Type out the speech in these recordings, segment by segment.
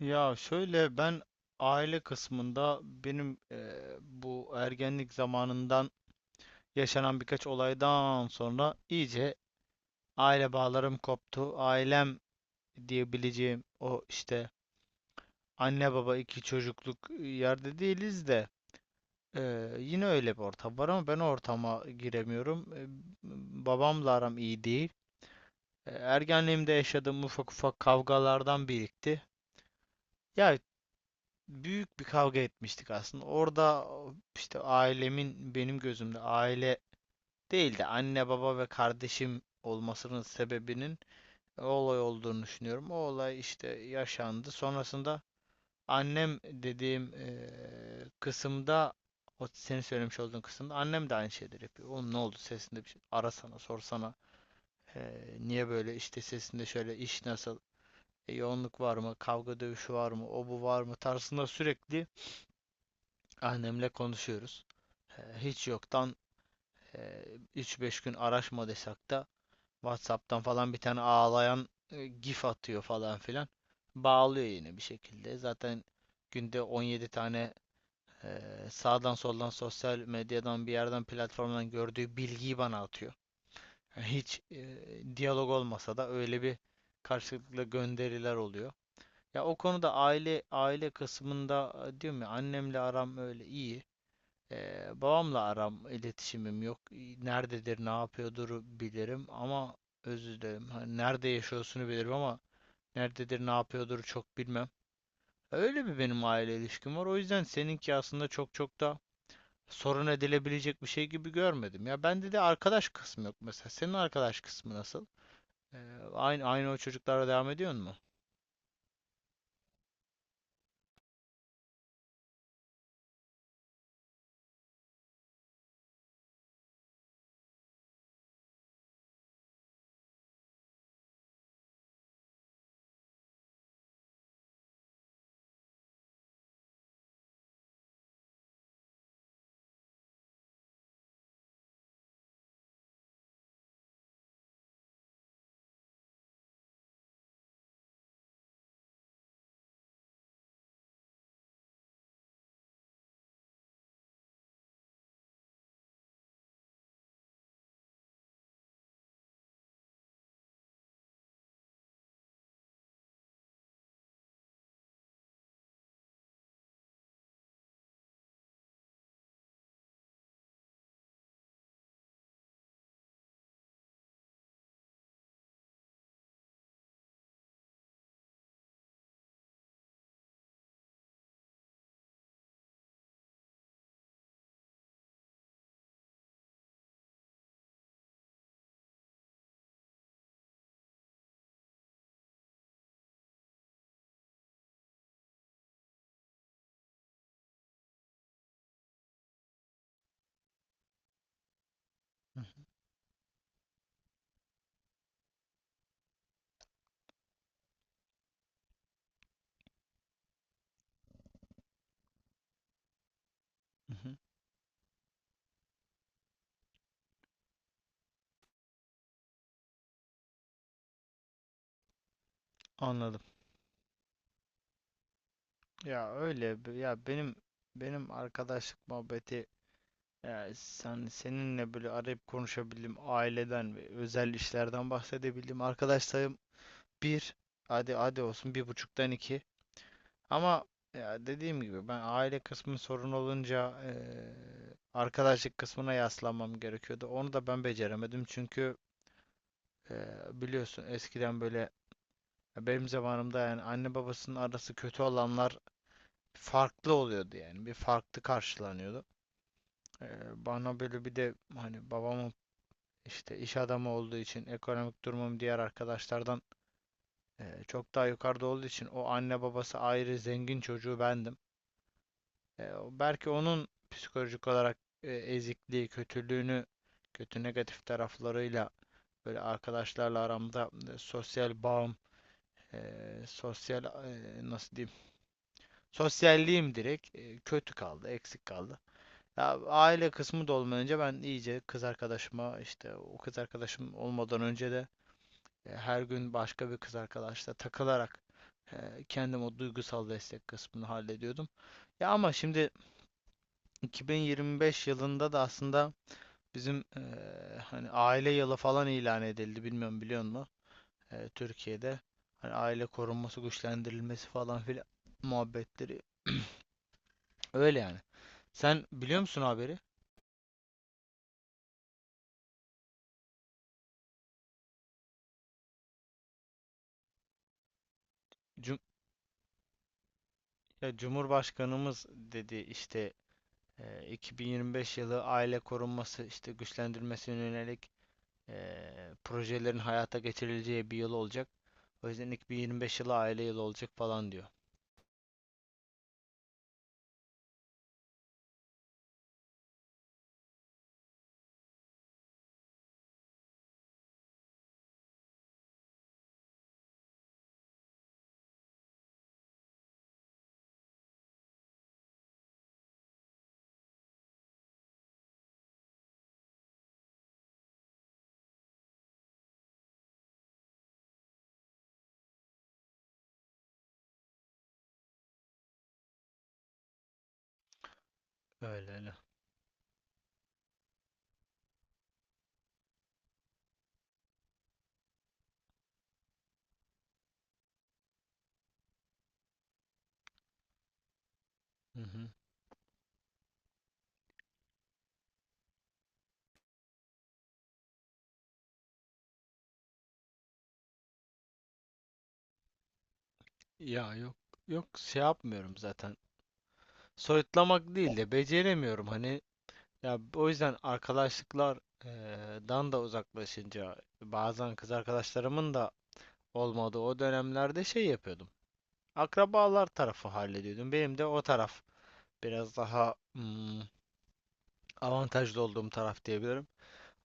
Ya şöyle ben aile kısmında benim bu ergenlik zamanından yaşanan birkaç olaydan sonra iyice aile bağlarım koptu. Ailem diyebileceğim o işte anne baba iki çocukluk yerde değiliz de yine öyle bir ortam var ama ben o ortama giremiyorum. Babamla aram iyi değil. Ergenliğimde yaşadığım ufak ufak kavgalardan birikti. Ya büyük bir kavga etmiştik aslında. Orada işte ailemin benim gözümde aile değil de anne baba ve kardeşim olmasının sebebinin olay olduğunu düşünüyorum. O olay işte yaşandı. Sonrasında annem dediğim kısımda o senin söylemiş olduğun kısımda annem de aynı şeyleri yapıyor. Oğlum ne oldu, sesinde bir şey, arasana, sorsana. Niye böyle, işte sesinde şöyle, iş nasıl, yoğunluk var mı, kavga dövüşü var mı, o bu var mı tarzında sürekli annemle konuşuyoruz. Hiç yoktan e, üç beş gün araşma da WhatsApp'tan falan bir tane ağlayan gif atıyor falan filan. Bağlıyor yine bir şekilde. Zaten günde 17 tane e, sağdan soldan, sosyal medyadan bir yerden, platformdan gördüğü bilgiyi bana atıyor. Yani hiç diyalog olmasa da öyle bir karşılıklı gönderiler oluyor. Ya o konuda aile kısmında diyorum ya, annemle aram öyle iyi. Babamla aram, iletişimim yok. Nerededir, ne yapıyordur bilirim ama özür dilerim. Hani nerede yaşıyorsunu bilirim ama nerededir, ne yapıyordur çok bilmem. Öyle bir benim aile ilişkim var. O yüzden seninki aslında çok çok da sorun edilebilecek bir şey gibi görmedim. Ya bende de arkadaş kısmı yok mesela. Senin arkadaş kısmı nasıl? Aynı o çocuklara devam ediyor mu? Hı hı, hı hı. Anladım. Ya ya benim arkadaşlık muhabbeti, yani sen, seninle böyle arayıp konuşabildim, aileden ve özel işlerden bahsedebildim. Arkadaş sayım bir. Hadi hadi olsun, bir buçuktan iki. Ama ya dediğim gibi, ben aile kısmı sorun olunca arkadaşlık kısmına yaslanmam gerekiyordu. Onu da ben beceremedim çünkü eee, biliyorsun eskiden böyle, benim zamanımda yani anne babasının arası kötü olanlar farklı oluyordu, yani bir farklı karşılanıyordu. Eee, Bana böyle bir de hani babamın işte iş adamı olduğu için ekonomik durumum diğer arkadaşlardan çok daha yukarıda olduğu için, o anne babası ayrı zengin çocuğu bendim. E, Belki onun psikolojik olarak ezikliği, kötülüğünü, kötü negatif taraflarıyla böyle arkadaşlarla aramda sosyal bağım, e, sosyal, nasıl diyeyim, sosyalliğim direkt kötü kaldı, eksik kaldı. Ya aile kısmı da olmayınca ben iyice kız arkadaşıma, işte o kız arkadaşım olmadan önce de her gün başka bir kız arkadaşla takılarak e, kendim o duygusal destek kısmını hallediyordum. Ya ama şimdi 2025 yılında da aslında bizim hani aile yılı falan ilan edildi. Bilmiyorum, biliyor musun? Türkiye'de hani aile korunması, güçlendirilmesi falan filan muhabbetleri öyle yani. Sen biliyor musun haberi? Cum- ya Cumhurbaşkanımız dedi işte, 2025 yılı aile korunması, işte güçlendirmesine yönelik projelerin hayata geçirileceği bir yıl olacak. O yüzden ilk bir 25 yılı aile yılı olacak falan diyor. Öyle öyle. Hı hı. Ya yok, yok, şey yapmıyorum zaten. Soyutlamak değil de beceremiyorum hani. Ya o yüzden arkadaşlıklar dan da uzaklaşınca, bazen kız arkadaşlarımın da olmadığı o dönemlerde şey yapıyordum. Akrabalar tarafı hallediyordum. Benim de o taraf biraz daha avantajlı olduğum taraf diyebilirim.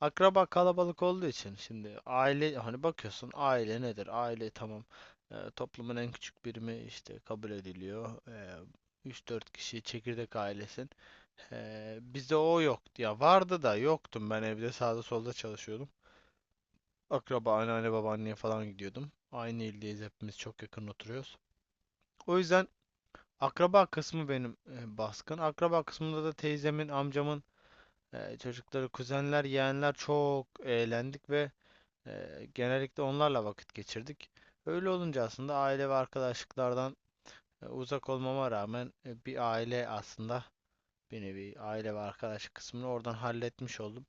Akraba kalabalık olduğu için, şimdi aile, hani bakıyorsun, aile nedir? Aile, tamam, toplumun en küçük birimi işte kabul ediliyor. 3-4 kişi çekirdek ailesin. Bizde o yoktu, ya vardı da yoktum, ben evde, sağda solda çalışıyordum. Akraba anneanne babaanneye falan gidiyordum. Aynı ildeyiz hepimiz, çok yakın oturuyoruz. O yüzden akraba kısmı benim baskın. Akraba kısmında da teyzemin, amcamın çocukları, kuzenler, yeğenler, çok eğlendik ve genellikle onlarla vakit geçirdik. Öyle olunca aslında aile ve arkadaşlıklardan uzak olmama rağmen, bir aile aslında, bir nevi aile ve arkadaşlık kısmını oradan halletmiş oldum.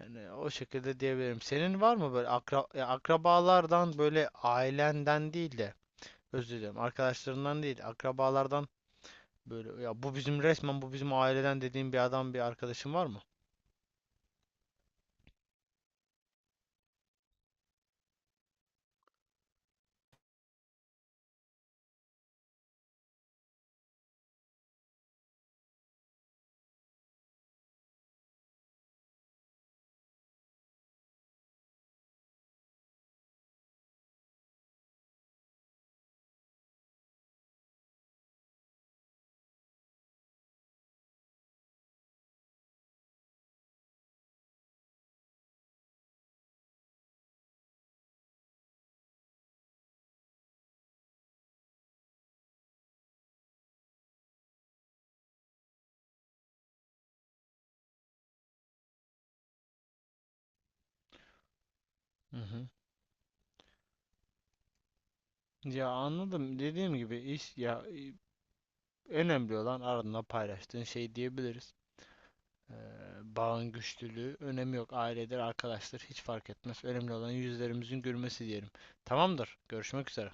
Yani o şekilde diyebilirim. Senin var mı böyle ya akrabalardan, böyle ailenden değil de, özür dilerim, arkadaşlarından değil, akrabalardan, böyle ya bu bizim, resmen bu bizim aileden dediğin bir adam, bir arkadaşın var mı? Hı hı. Ya anladım. Dediğim gibi iş, ya önemli olan ardından paylaştığın şey diyebiliriz. Ee, Bağın güçlülüğü, önemi yok. Ailedir, arkadaştır hiç fark etmez. Önemli olan yüzlerimizin gülmesi diyelim. Tamamdır, görüşmek üzere.